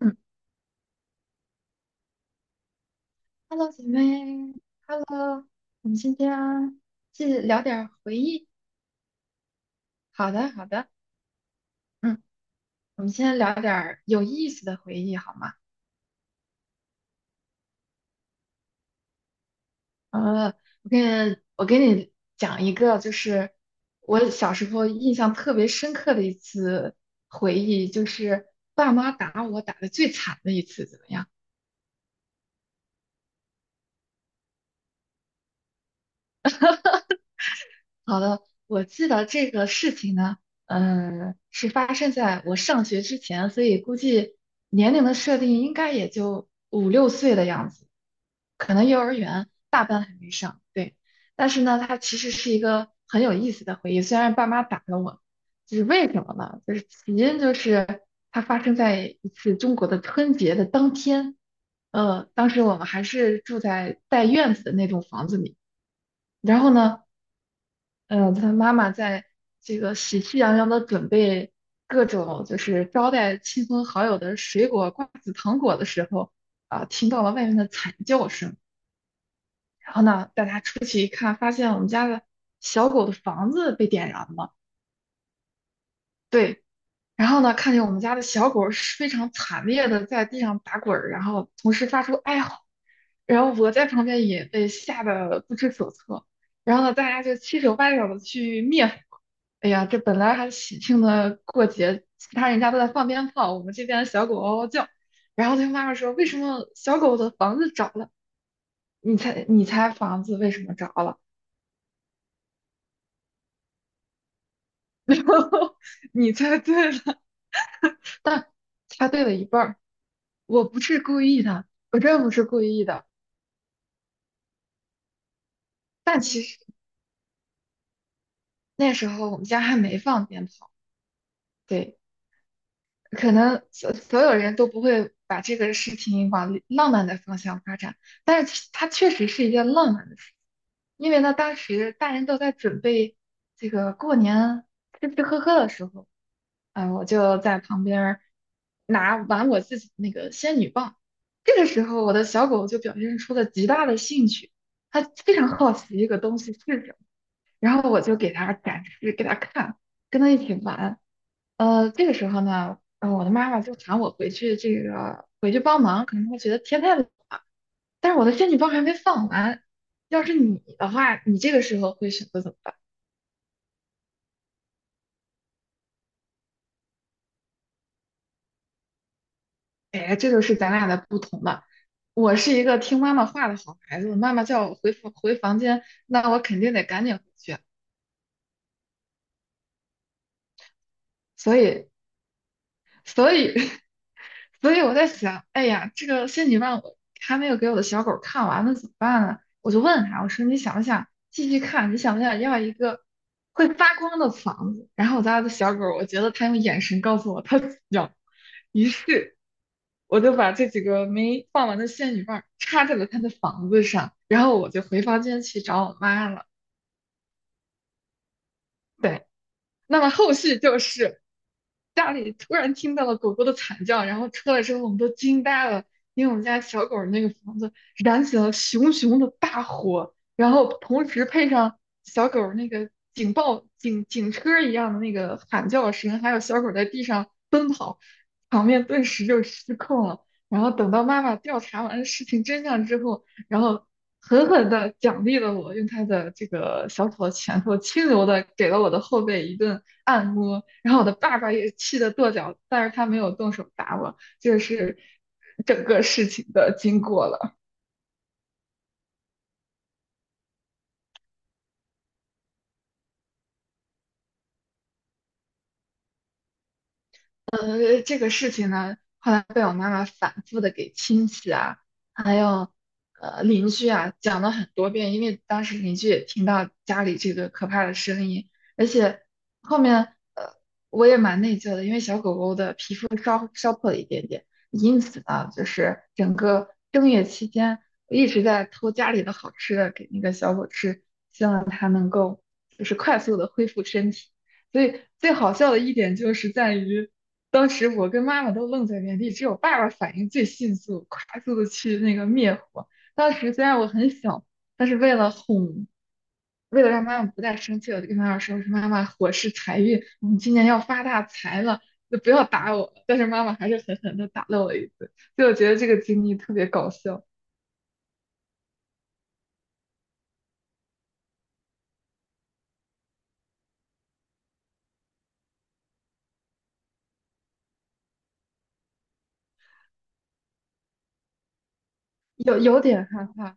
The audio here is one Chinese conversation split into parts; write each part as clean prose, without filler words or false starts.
嗯，Hello，姐妹，Hello，我们今天继续聊点儿回忆。好的，好的，嗯，我们先聊点儿有意思的回忆，好吗？呃，我给你讲一个，就是我小时候印象特别深刻的一次回忆，就是爸妈打我打的最惨的一次，怎么样？好的，我记得这个事情呢，嗯，是发生在我上学之前，所以估计年龄的设定应该也就五六岁的样子，可能幼儿园大班还没上。对，但是呢，它其实是一个很有意思的回忆。虽然爸妈打了我，就是为什么呢？就是起因就是它发生在一次中国的春节的当天，当时我们还是住在带院子的那栋房子里，然后呢。他妈妈在这个喜气洋洋的准备各种就是招待亲朋好友的水果、瓜子、糖果的时候，啊、听到了外面的惨叫声。然后呢，带他出去一看，发现我们家的小狗的房子被点燃了。对，然后呢，看见我们家的小狗是非常惨烈的在地上打滚儿，然后同时发出哀嚎，然后我在旁边也被吓得不知所措。然后呢，大家就七手八脚的去灭火。哎呀，这本来还喜庆的过节，其他人家都在放鞭炮，我们这边的小狗嗷嗷叫。然后他妈妈说："为什么小狗的房子着了？"你猜，你猜房子为什么着了？然后你猜对了，但猜对了一半儿。我不是故意的，我真不是故意的。但其实那时候我们家还没放鞭炮，对，可能所有人都不会把这个事情往浪漫的方向发展，但是它确实是一件浪漫的事，因为呢，当时大人都在准备这个过年吃吃喝喝的时候，啊、我就在旁边儿拿玩我自己的那个仙女棒，这个时候我的小狗就表现出了极大的兴趣。它非常好奇一个东西是什么。然后我就给他展示，给他看，跟他一起玩。这个时候呢，我的妈妈就喊我回去，这个回去帮忙，可能她觉得天太冷了，但是我的仙女棒还没放完。要是你的话，你这个时候会选择怎么办？哎，这就是咱俩的不同了。我是一个听妈妈话的好孩子，妈妈叫我回房间，那我肯定得赶紧回去。所以，所以 所以我在想，哎呀，这个仙女棒我还没有给我的小狗看完，呢，怎么办呢？我就问他，我说你想不想继续看？你想不想要一个会发光的房子？然后我家的小狗，我觉得它用眼神告诉我它要。于是我就把这几个没放完的仙女棒插在了它的房子上，然后我就回房间去找我妈了。对。那么后续就是家里突然听到了狗狗的惨叫，然后出来之后我们都惊呆了，因为我们家小狗儿那个房子燃起了熊熊的大火，然后同时配上小狗儿那个警报警警车儿一样的那个喊叫声，还有小狗儿在地上奔跑，场面顿时就失控了。然后等到妈妈调查完事情真相之后，然后狠狠地奖励了我，用他的这个小小的拳头轻柔地给了我的后背一顿按摩，然后我的爸爸也气得跺脚，但是他没有动手打我，这是整个事情的经过了。这个事情呢，后来被我妈妈反复的给亲戚啊，还有邻居啊讲了很多遍，因为当时邻居也听到家里这个可怕的声音，而且后面呃我也蛮内疚的，因为小狗狗的皮肤烧破了一点点，因此呢，就是整个正月期间，我一直在偷家里的好吃的给那个小狗吃，希望它能够就是快速的恢复身体。所以最好笑的一点就是在于。当时我跟妈妈都愣在原地，只有爸爸反应最迅速，快速的去那个灭火。当时虽然我很小，但是为了哄，为了让妈妈不再生气，我就跟妈妈说："我说妈妈，火是财运，我们今年要发大财了，就不要打我。"但是妈妈还是狠狠的打了我一顿，所以我觉得这个经历特别搞笑，有点害怕，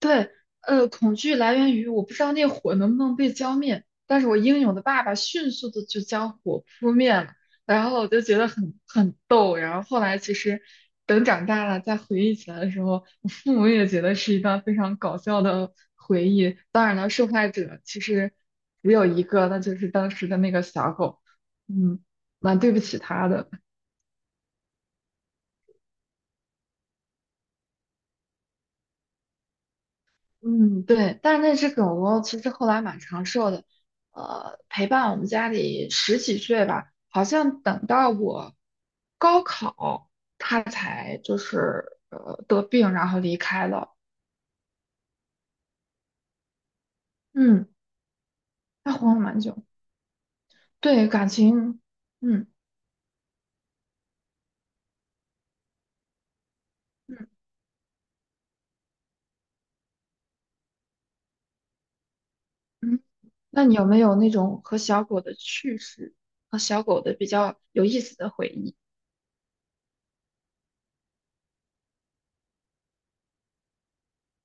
对，恐惧来源于我不知道那火能不能被浇灭，但是我英勇的爸爸迅速的就将火扑灭了，然后我就觉得很逗，然后后来其实等长大了再回忆起来的时候，我父母也觉得是一段非常搞笑的回忆。当然了，受害者其实只有一个，那就是当时的那个小狗，嗯，蛮对不起他的。嗯，对，但是那只狗狗其实后来蛮长寿的，陪伴我们家里十几岁吧，好像等到我高考才就是得病，然后离开了。嗯，它活了蛮久。对，感情，嗯嗯嗯，那你有没有那种和小狗的趣事，和小狗的比较有意思的回忆？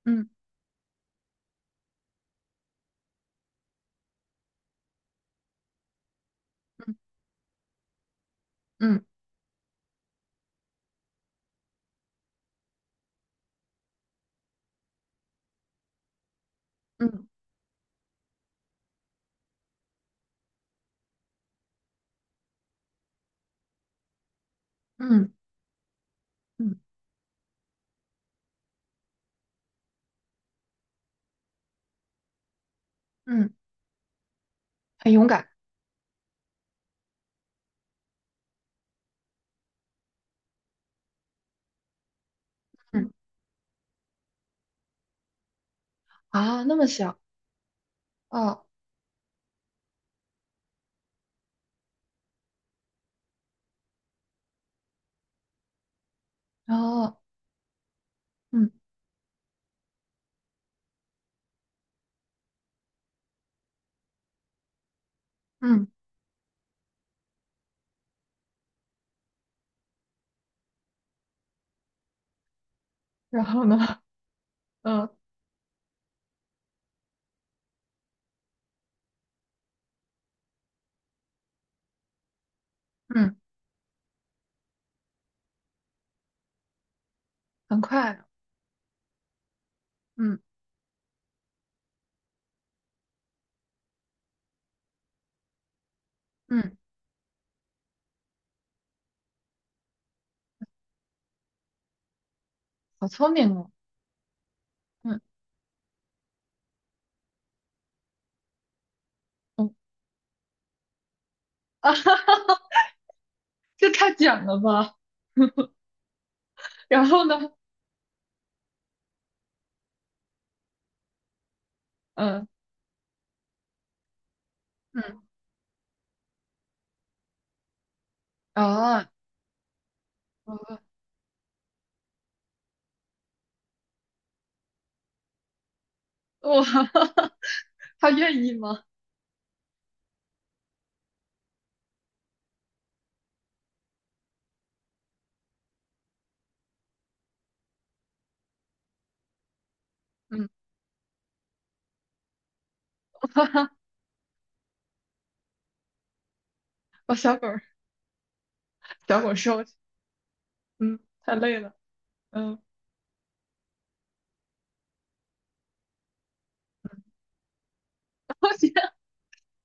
嗯嗯嗯嗯嗯嗯嗯，嗯很勇敢。嗯啊，那么小。哦。然后嗯嗯，然后呢，嗯嗯，很快的嗯嗯，好聪明哦，嗯嗯啊哈哈，这太简了吧，然后呢，嗯嗯啊，我我 他愿意吗？嗯，哈哈，把小狗儿小狗收去，嗯，太累了，嗯，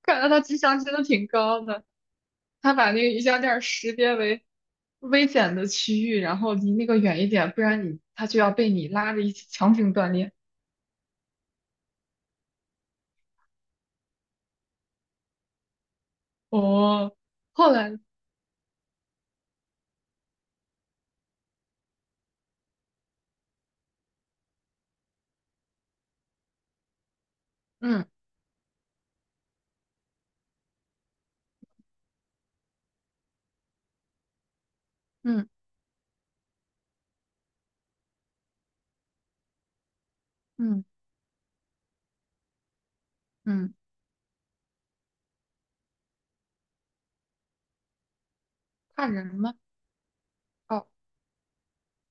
看来他智商真的挺高的，他把那个瑜伽垫识别为危险的区域，然后离那个远一点，不然你他就要被你拉着一起强行锻炼。哦，后来，嗯嗯嗯嗯，怕人吗？哦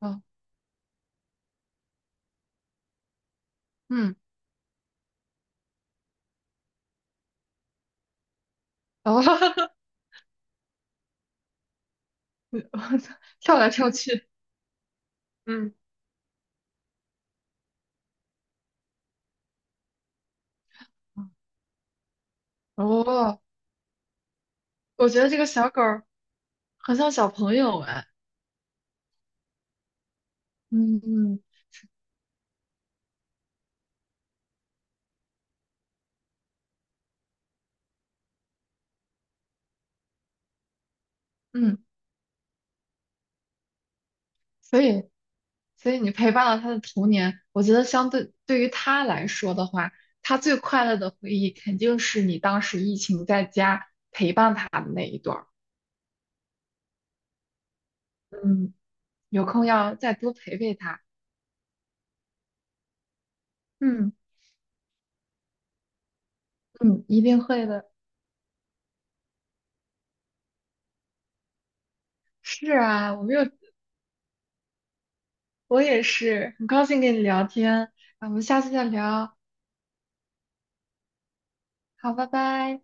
哦嗯哦，哈哈，跳来跳去 嗯嗯哦，我觉得这个小狗儿很像小朋友哎，嗯嗯嗯，所以。所以你陪伴了他的童年，我觉得对于他来说的话，他最快乐的回忆肯定是你当时疫情在家陪伴他的那一段儿嗯，有空要再多陪陪他。嗯嗯，一定会的。是啊，我没有，我也是，很高兴跟你聊天。那我们下次再聊，好，拜拜。